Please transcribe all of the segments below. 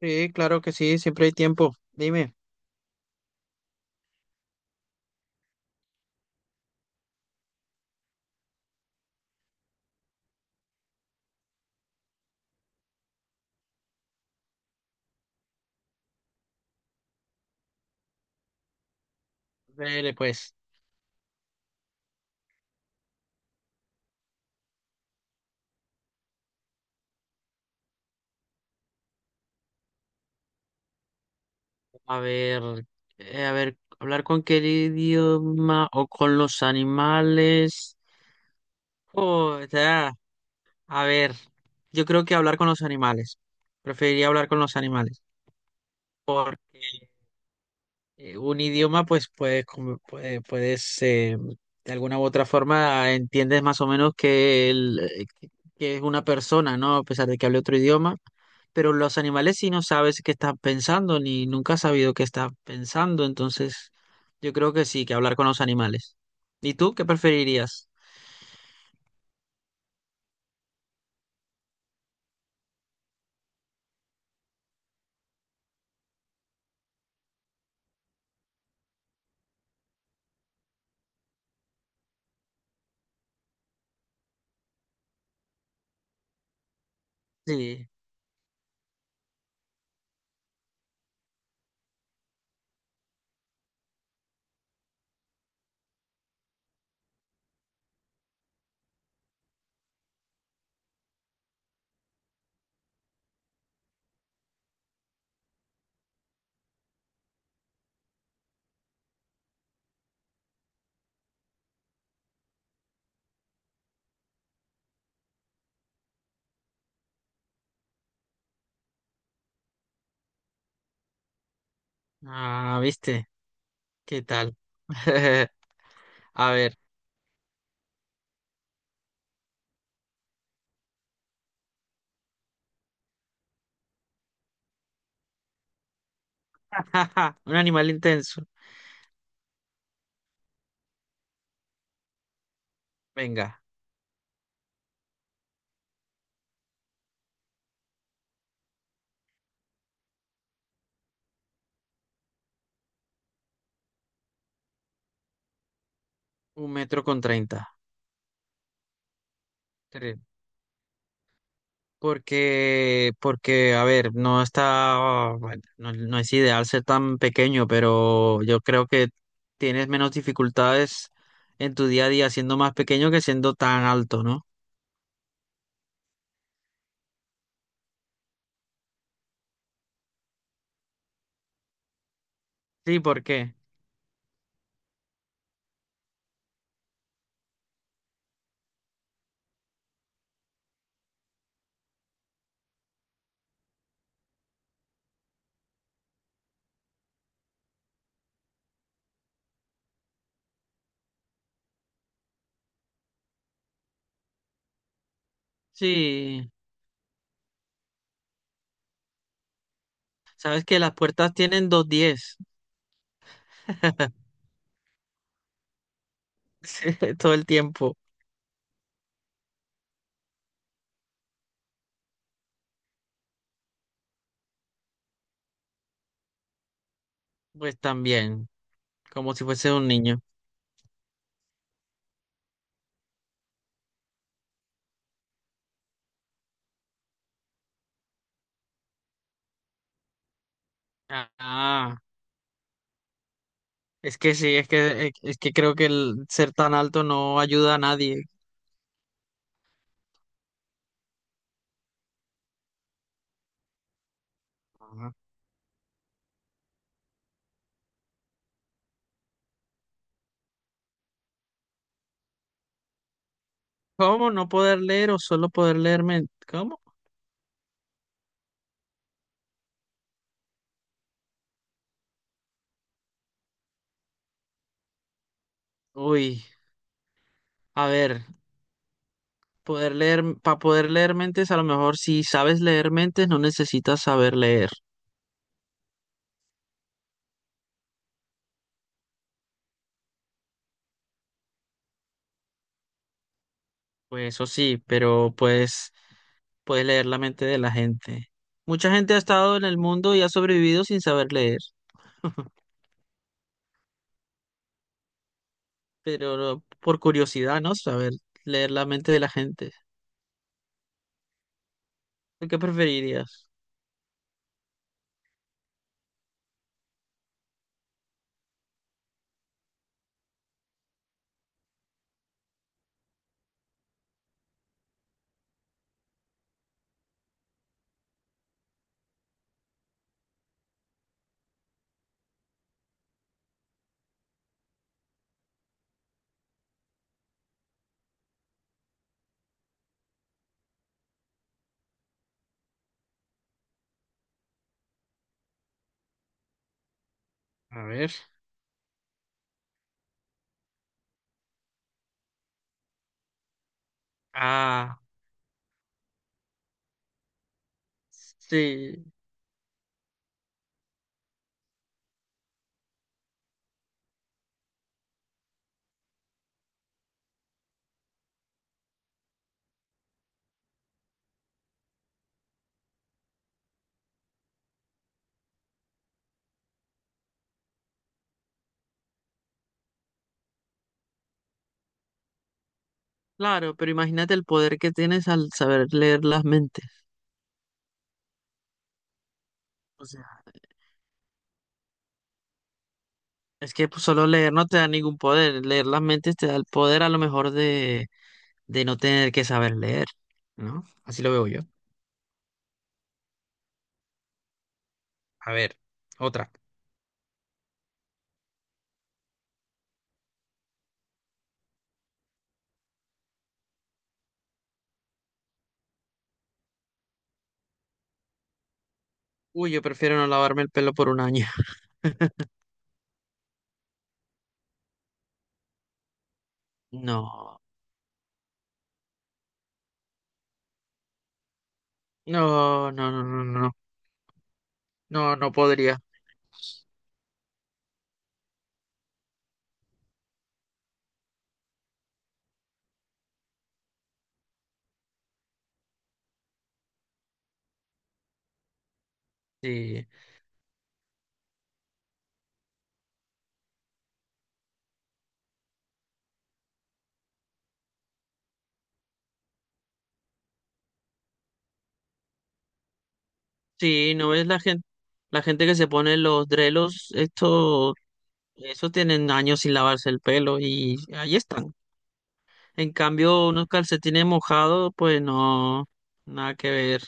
Sí, claro que sí, siempre hay tiempo. Dime. Dele, pues. A ver, a ver, hablar con qué idioma o con los animales. Oh, ya, a ver, yo creo que hablar con los animales. Preferiría hablar con los animales. Un idioma, pues puedes, de alguna u otra forma, entiendes más o menos que, que es una persona, ¿no? A pesar de que hable otro idioma. Pero los animales sí no sabes qué están pensando, ni nunca has sabido qué están pensando. Entonces, yo creo que sí, que hablar con los animales. ¿Y tú qué preferirías? Sí. Ah, ¿viste? ¿Qué tal? A ver. Un animal intenso. Venga, 1,30 m. Porque, a ver, no está, bueno, no, no es ideal ser tan pequeño, pero yo creo que tienes menos dificultades en tu día a día siendo más pequeño que siendo tan alto, ¿no? Sí, ¿por qué? Sí, sabes que las puertas tienen 2,10. Sí, todo el tiempo, pues también, como si fuese un niño. Ah, es que sí, es que creo que el ser tan alto no ayuda a nadie. ¿Cómo no poder leer o solo poder leer mentes? ¿Cómo? Uy, a ver, poder leer, para poder leer mentes, a lo mejor si sabes leer mentes, no necesitas saber leer. Pues eso sí, pero pues puedes leer la mente de la gente. Mucha gente ha estado en el mundo y ha sobrevivido sin saber leer. Pero por curiosidad, ¿no? Saber leer la mente de la gente. ¿Tú? ¿Qué preferirías? A ver. Ah, sí. Claro, pero imagínate el poder que tienes al saber leer las mentes. O sea, es que pues, solo leer no te da ningún poder. Leer las mentes te da el poder a lo mejor de, no tener que saber leer, ¿no? Así lo veo yo. A ver, otra. Uy, yo prefiero no lavarme el pelo por un año. No, no, no, no, no, no, no, no podría. Sí, sí, no ves la gente que se pone los drelos, esto, eso tienen años sin lavarse el pelo y ahí están. En cambio, unos calcetines mojados, pues no, nada que ver.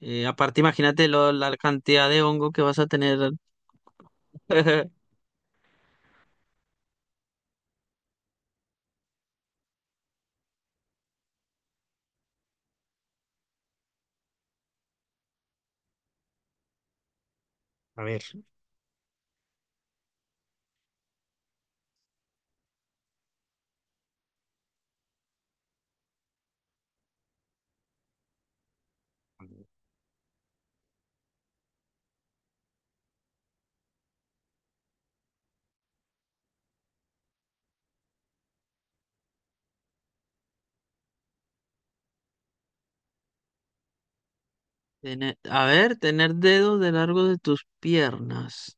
Aparte, imagínate la cantidad de hongo que vas a tener. A ver. A ver, tener dedos de largo de tus piernas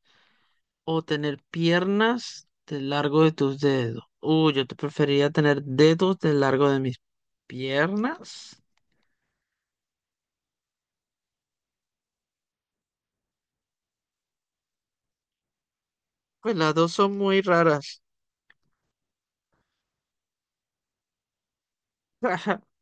o tener piernas de largo de tus dedos. Uy, yo te preferiría tener dedos de largo de mis piernas. Pues las dos son muy raras.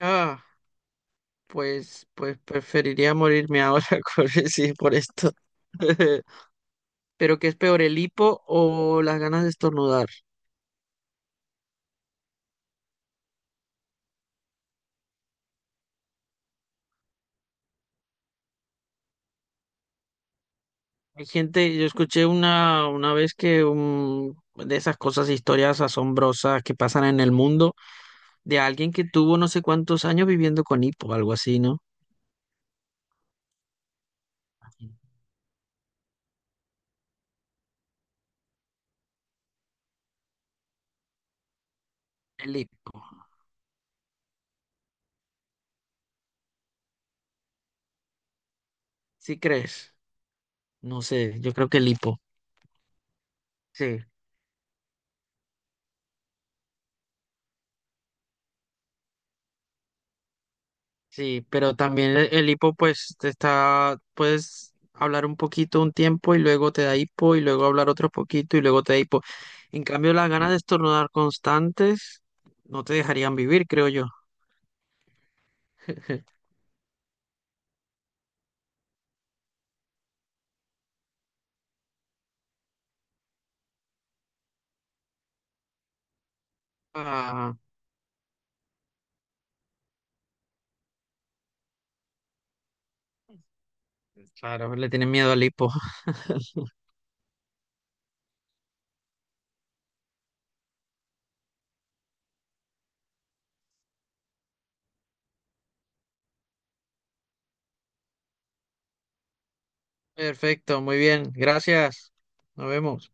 Ah, pues, preferiría morirme ahora sí, por esto. Pero ¿qué es peor, el hipo o las ganas de estornudar? Hay gente, yo escuché una vez que de esas cosas, historias asombrosas que pasan en el mundo, de alguien que tuvo no sé cuántos años viviendo con hipo, algo así, ¿no? El hipo. ¿Sí crees? No sé, yo creo que el hipo. Sí. Sí, pero también el hipo, pues, te está, puedes hablar un poquito un tiempo y luego te da hipo y luego hablar otro poquito y luego te da hipo. En cambio, las ganas de estornudar constantes no te dejarían vivir, creo yo. Ah, claro, le tienen miedo al hipo. Perfecto, muy bien, gracias. Nos vemos.